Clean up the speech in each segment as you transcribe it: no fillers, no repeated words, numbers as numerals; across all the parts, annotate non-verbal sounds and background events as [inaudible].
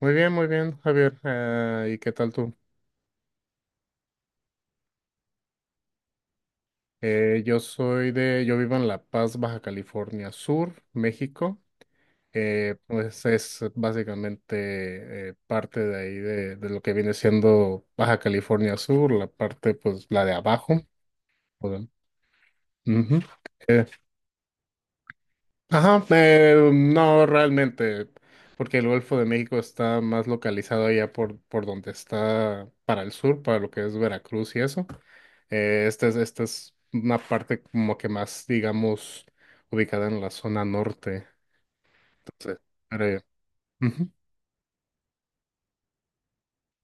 Muy bien, Javier. Ah, ¿y qué tal tú? Yo vivo en La Paz, Baja California Sur, México. Pues es básicamente parte de ahí de lo que viene siendo Baja California Sur, la parte pues la de abajo. O sea, ujú. Eh, Ajá, no realmente, porque el Golfo de México está más localizado allá por donde está para el sur, para lo que es Veracruz y eso. Esta es una parte como que más, digamos, ubicada en la zona norte. Entonces, pero, ujú.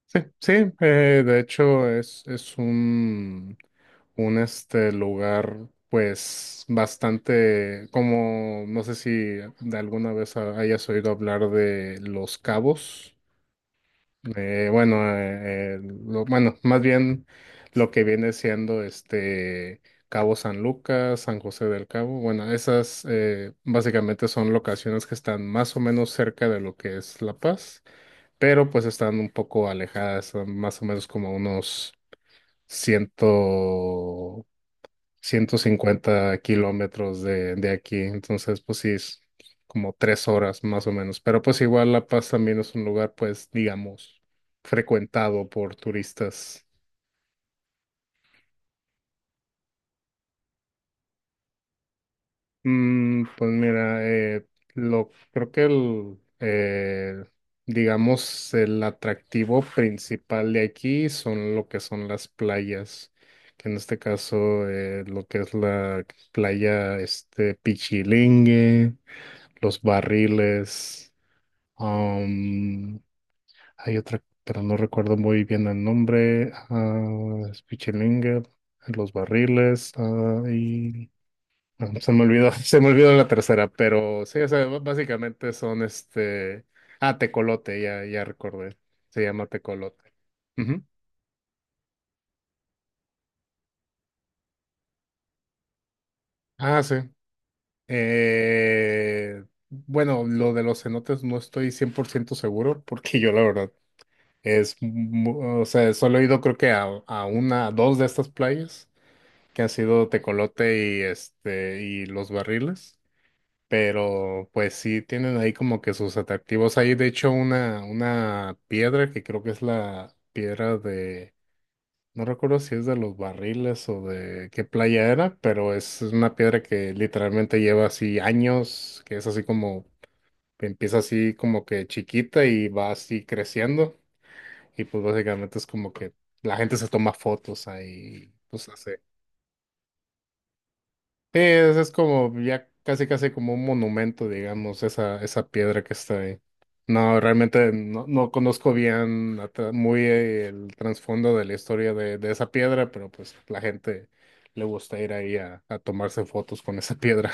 Sí, sí, de hecho es un este lugar pues bastante como no sé si de alguna vez hayas oído hablar de Los Cabos. Bueno, más bien lo que viene siendo este Cabo San Lucas, San José del Cabo. Bueno, esas básicamente son locaciones que están más o menos cerca de lo que es La Paz, pero pues están un poco alejadas, son más o menos como unos 100, 150 kilómetros de aquí. Entonces, pues sí, es como 3 horas más o menos, pero pues igual La Paz también es un lugar, pues digamos, frecuentado por turistas. Pues mira, lo creo que el digamos el atractivo principal de aquí son lo que son las playas, que en este caso, lo que es la playa este Pichilingue, los barriles, am, hay otra, pero no recuerdo muy bien el nombre. Ah, es Pichilingue, los barriles, ah, y no, se me olvidó, [laughs] se me olvidó la tercera, pero sí, o sea, básicamente son este. Ah, Tecolote, ya, ya recordé. Se llama Tecolote. Ujú. Ah, sí. Bueno, lo de los cenotes no estoy 100% seguro, [laughs] porque yo la verdad es. O sea, solo he ido creo que a, una, a dos de estas playas, que han sido Tecolote y este, y Los Barriles. Pero pues sí tienen ahí como que sus atractivos. Hay de hecho una piedra que creo que es la piedra de, no recuerdo si es de Los Barriles o de qué playa era, pero es una piedra que literalmente lleva así años, que es así como, que empieza así como que chiquita y va así creciendo. Y pues básicamente es como que la gente se toma fotos ahí, pues hace. Sí, es como ya casi casi como un monumento, digamos, esa piedra que está ahí. No, realmente no conozco bien la tra- muy el trasfondo de la historia de esa piedra, pero pues la gente le gusta ir ahí a tomarse fotos con esa piedra.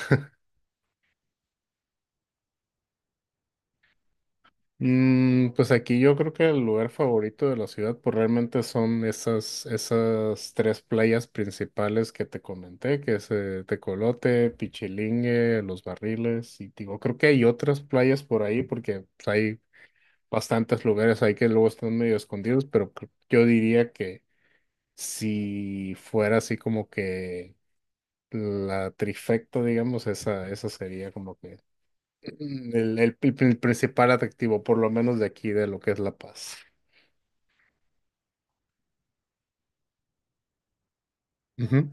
Pues aquí yo creo que el lugar favorito de la ciudad, pues realmente son esas tres playas principales que te comenté, que es Tecolote, Pichilingue, Los Barriles, y digo, creo que hay otras playas por ahí, porque pues, hay bastantes lugares ahí que luego están medio escondidos, pero yo diría que si fuera así como que la trifecta, digamos, esa sería como que el principal atractivo, por lo menos de aquí, de lo que es La Paz. Ujú.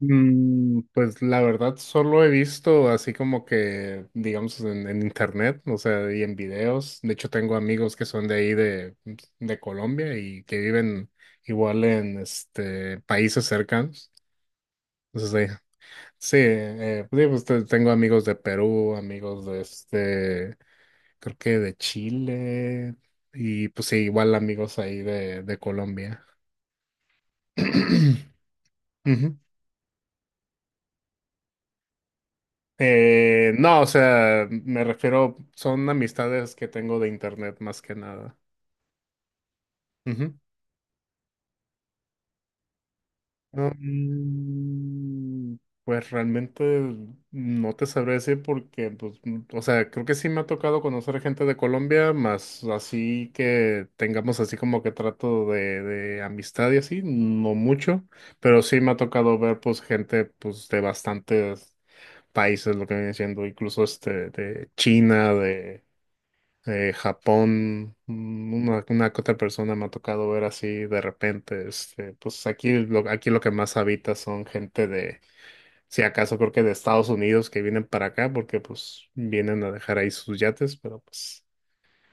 Pues la verdad solo he visto así como que, digamos, en internet, o sea, y en videos. De hecho, tengo amigos que son de ahí de Colombia y que viven igual en este países cercanos. Entonces, sí, pues, digo, pues, tengo amigos de Perú, amigos de este creo que de Chile y pues sí, igual amigos ahí de Colombia. [clears throat] Ujú. No, o sea, me refiero, son amistades que tengo de internet más que nada. Mm, Pues realmente no te sabré decir porque, pues, o sea, creo que sí me ha tocado conocer gente de Colombia, más así que tengamos así como que trato de amistad y así, no mucho, pero sí me ha tocado ver pues gente pues de bastantes países, lo que viene siendo incluso este de China, Japón, una que otra persona me ha tocado ver así de repente, este, pues aquí lo que más habita son gente de, si acaso creo que de Estados Unidos que vienen para acá, porque pues vienen a dejar ahí sus yates, pero pues,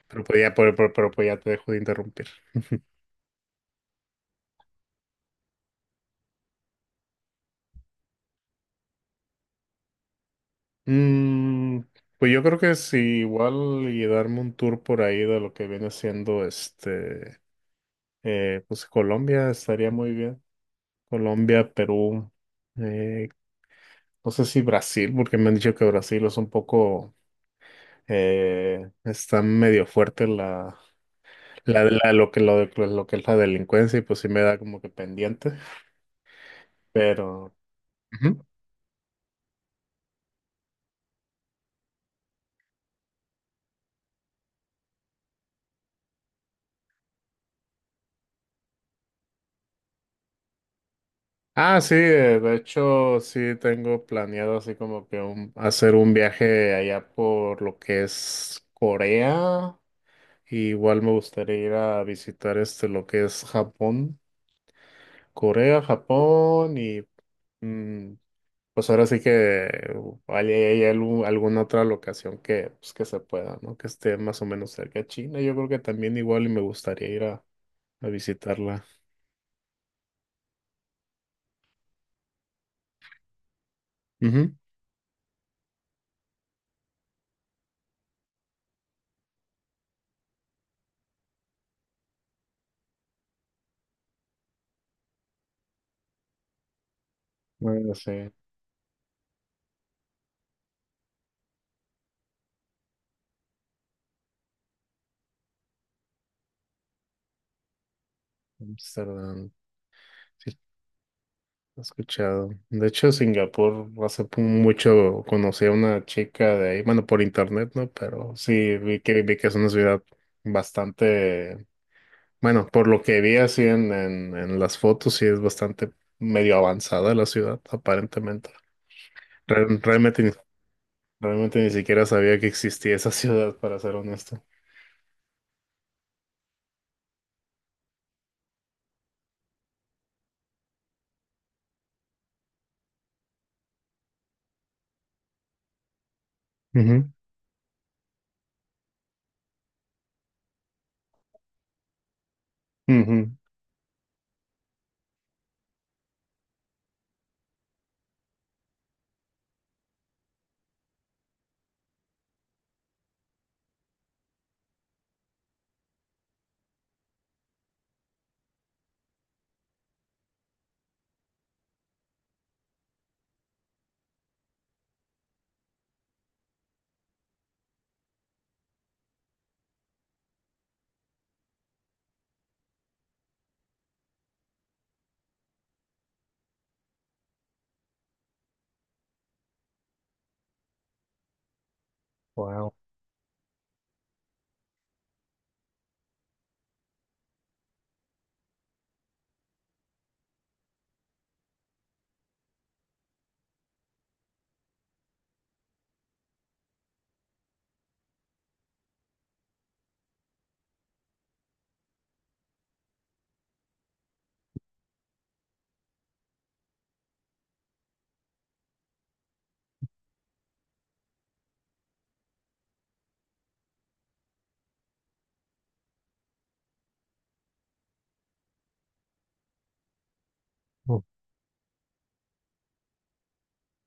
pero pues ya, pues, ya te dejo de interrumpir. Mm, pues yo creo que sí, igual y darme un tour por ahí de lo que viene siendo este, pues Colombia estaría muy bien. Colombia, Perú, eh, no sé si Brasil, porque me han dicho que Brasil es un poco, está medio fuerte la lo que es la delincuencia y pues sí me da como que pendiente, pero... Ujú. Ah, sí, de hecho sí tengo planeado así como que hacer un viaje allá por lo que es Corea, igual me gustaría ir a visitar este lo que es Japón, Corea, Japón y... mm, pues ahora sí que hay alguna otra locación que, pues, que se pueda, ¿no? Que esté más o menos cerca de China. Yo creo que también igual y me gustaría ir a, visitarla. Ujú. Bueno, sí, Amsterdam, sí, he escuchado. De hecho, Singapur hace mucho conocí a una chica de ahí, bueno, por internet, ¿no? Pero sí, vi que es una ciudad bastante, bueno, por lo que vi así en las fotos, sí es bastante medio avanzada la ciudad, aparentemente. Re- Realmente, ni- realmente ni siquiera sabía que existía esa [laughs] ciudad, para ser honesto. Ujú, ujú. Wow.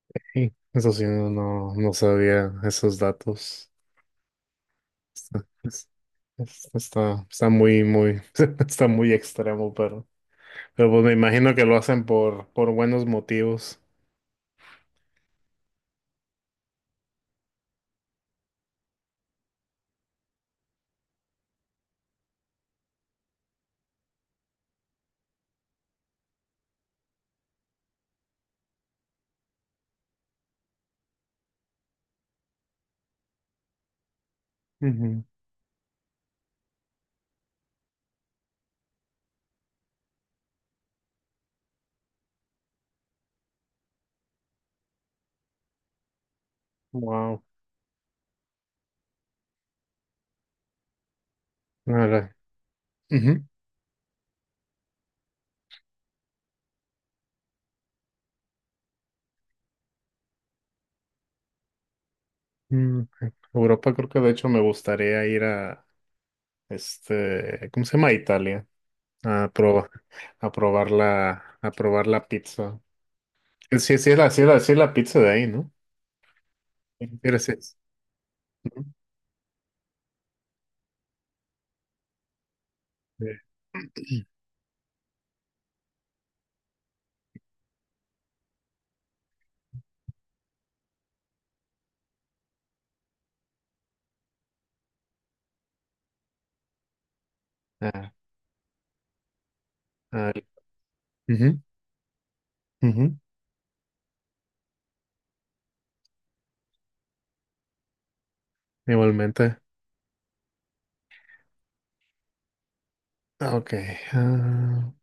Ok. Eso sí, no sabía esos datos. Está, es- está muy, muy, [laughs] está muy extremo, pero, pues me imagino que lo hacen por buenos motivos. Ujú. Wow. Ahora, ujú. Ok. Europa creo que de hecho me gustaría ir a, este, ¿cómo se llama? Italia. A probar, a probar la, a probar la pizza. Sí, sí es la pizza de ahí, ¿no? Intereses. [clears throat] Ah, ah, ujú, ujú, igualmente. Ah, ok. Ah.